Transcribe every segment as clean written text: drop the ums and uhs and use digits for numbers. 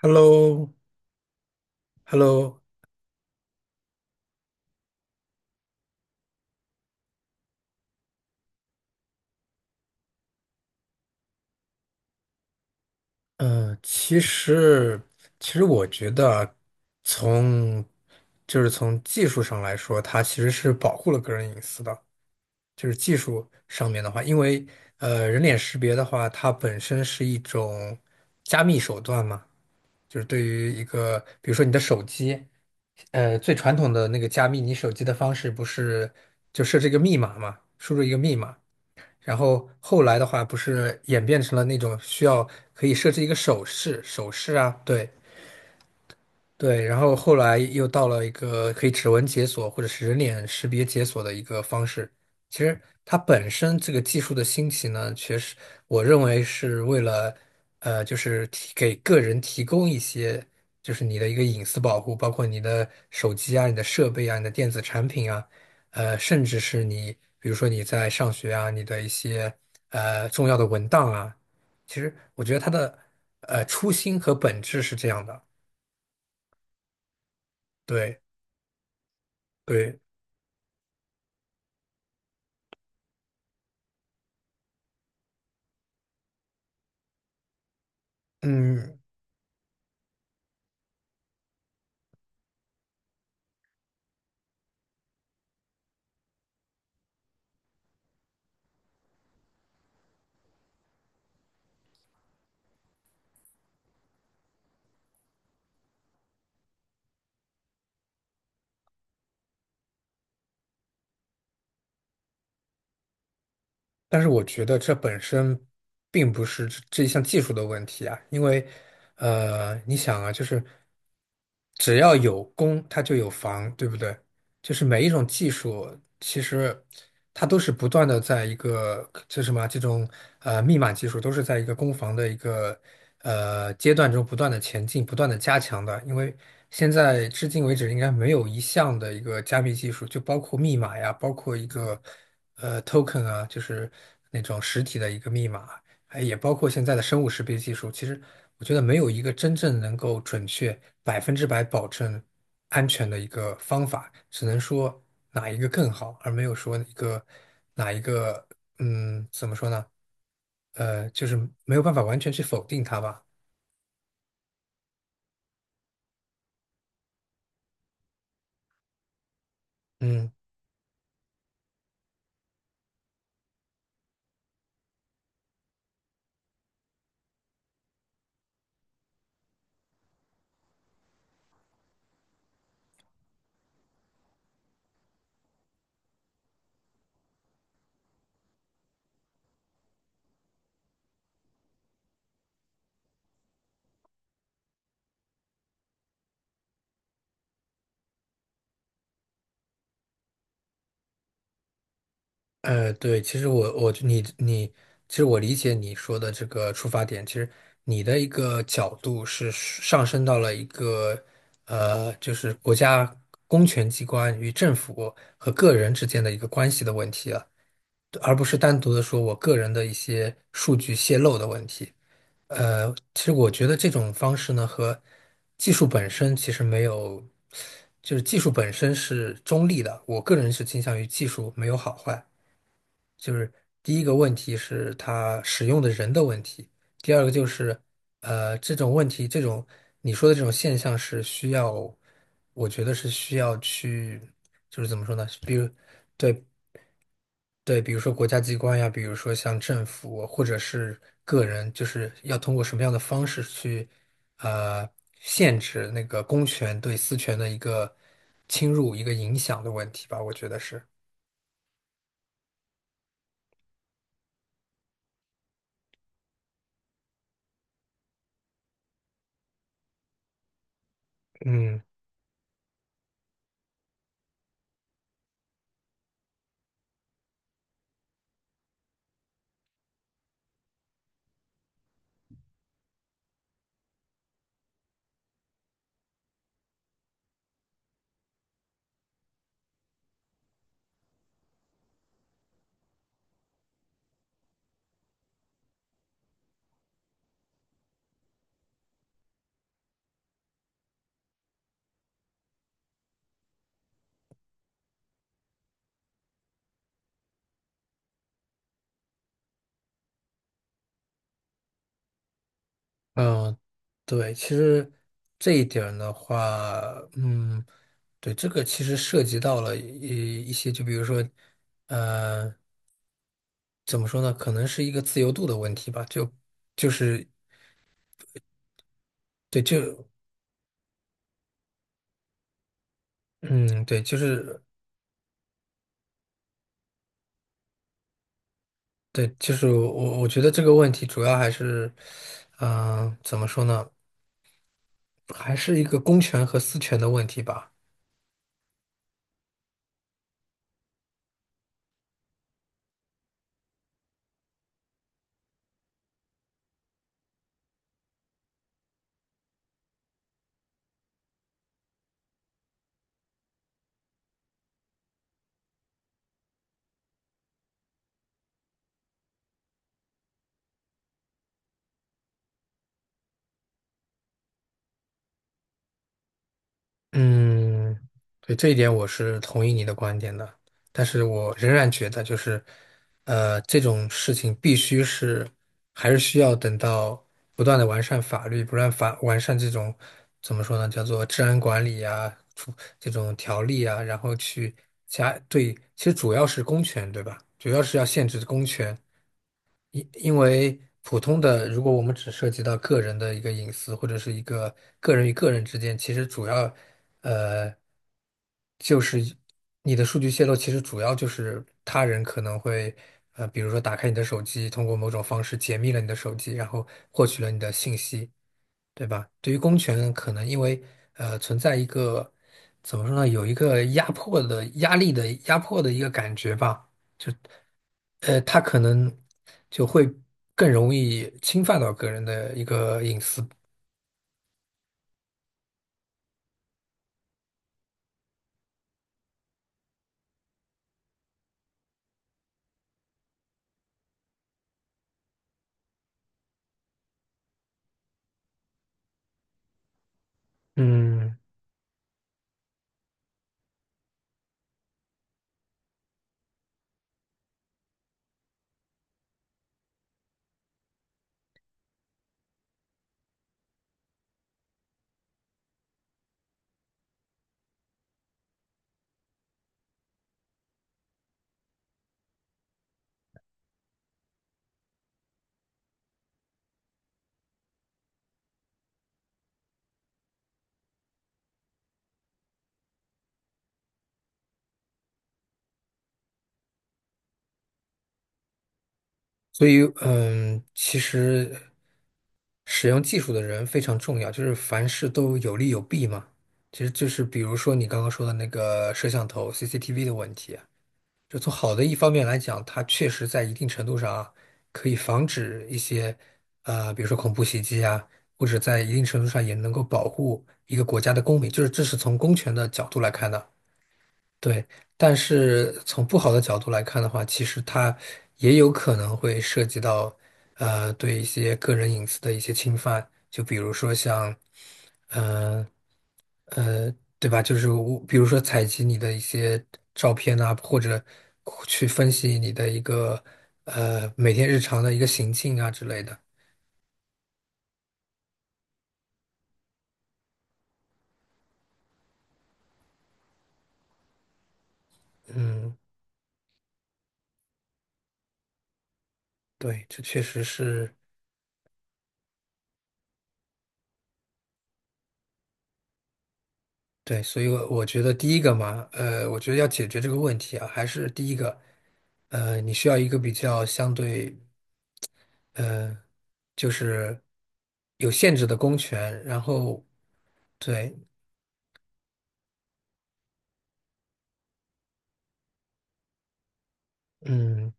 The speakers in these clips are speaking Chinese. h e l l o h e l l o 呃，其实，其实我觉得啊从就是从技术上来说，它其实是保护了个人隐私的。就是技术上面的话，因为人脸识别的话，它本身是一种加密手段嘛，就是对于一个，比如说你的手机，最传统的那个加密你手机的方式，不是就设置一个密码嘛，输入一个密码。然后后来的话，不是演变成了那种需要可以设置一个手势，手势啊，对，对，然后后来又到了一个可以指纹解锁或者是人脸识别解锁的一个方式。其实它本身这个技术的兴起呢，确实我认为是为了，就是给个人提供一些，就是你的一个隐私保护，包括你的手机啊、你的设备啊、你的电子产品啊，甚至是你，比如说你在上学啊，你的一些重要的文档啊，其实我觉得它的初心和本质是这样的。对。对。嗯，但是我觉得这本身并不是这一项技术的问题啊。因为你想啊，就是只要有攻，它就有防，对不对？就是每一种技术，其实它都是不断的在一个，就什么啊，这种密码技术，都是在一个攻防的一个阶段中不断的前进、不断的加强的。因为现在至今为止，应该没有一项的一个加密技术，就包括密码呀，包括一个。Token 啊，就是那种实体的一个密码。哎，也包括现在的生物识别技术。其实我觉得没有一个真正能够准确、百分之百保证安全的一个方法，只能说哪一个更好，而没有说一个哪一个，嗯，怎么说呢？就是没有办法完全去否定它吧。嗯。对。其实我理解你说的这个出发点，其实你的一个角度是上升到了一个就是国家公权机关与政府和个人之间的一个关系的问题了，而不是单独的说我个人的一些数据泄露的问题。其实我觉得这种方式呢，和技术本身其实没有，就是技术本身是中立的，我个人是倾向于技术没有好坏。就是第一个问题是它使用的人的问题，第二个就是，这种问题，这种你说的这种现象是需要，我觉得是需要去，就是怎么说呢？比如，对对，比如说国家机关呀，比如说像政府或者是个人，就是要通过什么样的方式去，呃，限制那个公权对私权的一个侵入、一个影响的问题吧，我觉得是。嗯。嗯，对，其实这一点儿的话，嗯，对，这个其实涉及到了一些，就比如说，呃，怎么说呢？可能是一个自由度的问题吧。就是对，就嗯，对，就是对，就是我觉得这个问题主要还是，嗯、怎么说呢？还是一个公权和私权的问题吧。嗯，对，这一点我是同意你的观点的，但是我仍然觉得就是，这种事情必须是还是需要等到不断的完善法律，不断法完善这种怎么说呢，叫做治安管理啊，出这种条例啊，然后去加对，其实主要是公权，对吧？主要是要限制公权。因为普通的，如果我们只涉及到个人的一个隐私，或者是一个个人与个人之间，其实主要，呃，就是你的数据泄露，其实主要就是他人可能会，比如说打开你的手机，通过某种方式解密了你的手机，然后获取了你的信息，对吧？对于公权，可能因为存在一个怎么说呢，有一个压迫的压力的压迫的一个感觉吧。就。他可能就会更容易侵犯到个人的一个隐私。嗯。所以其实使用技术的人非常重要，就是凡事都有利有弊嘛。其实就是比如说你刚刚说的那个摄像头 CCTV 的问题，就从好的一方面来讲，它确实在一定程度上啊，可以防止一些，比如说恐怖袭击啊，或者在一定程度上也能够保护一个国家的公民，就是这是从公权的角度来看的。对。但是从不好的角度来看的话，其实它也有可能会涉及到，对一些个人隐私的一些侵犯，就比如说像，嗯。呃，对吧？就是我，比如说采集你的一些照片啊，或者去分析你的一个每天日常的一个行径啊之类的。嗯，对，这确实是。对，所以我觉得第一个嘛，我觉得要解决这个问题啊，还是第一个，你需要一个比较相对，呃，就是有限制的公权，然后对。嗯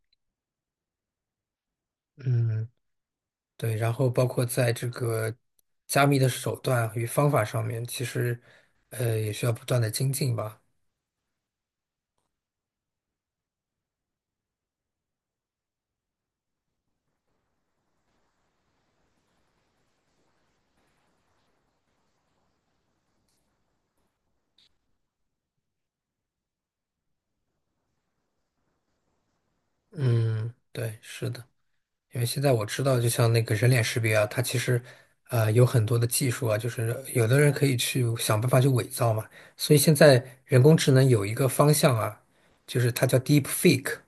嗯。对，然后包括在这个加密的手段与方法上面，其实也需要不断的精进吧。嗯，对，是的，因为现在我知道，就像那个人脸识别啊，它其实啊有很多的技术啊，就是有的人可以去想办法去伪造嘛。所以现在人工智能有一个方向啊，就是它叫 Deep Fake。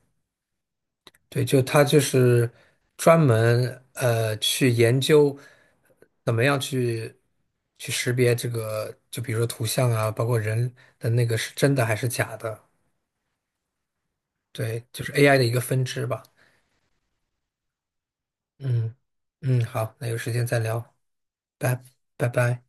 对，就他就是专门去研究怎么样去去识别这个，就比如说图像啊，包括人的那个是真的还是假的。对，就是 AI 的一个分支吧。嗯嗯，好，那有时间再聊，拜拜拜。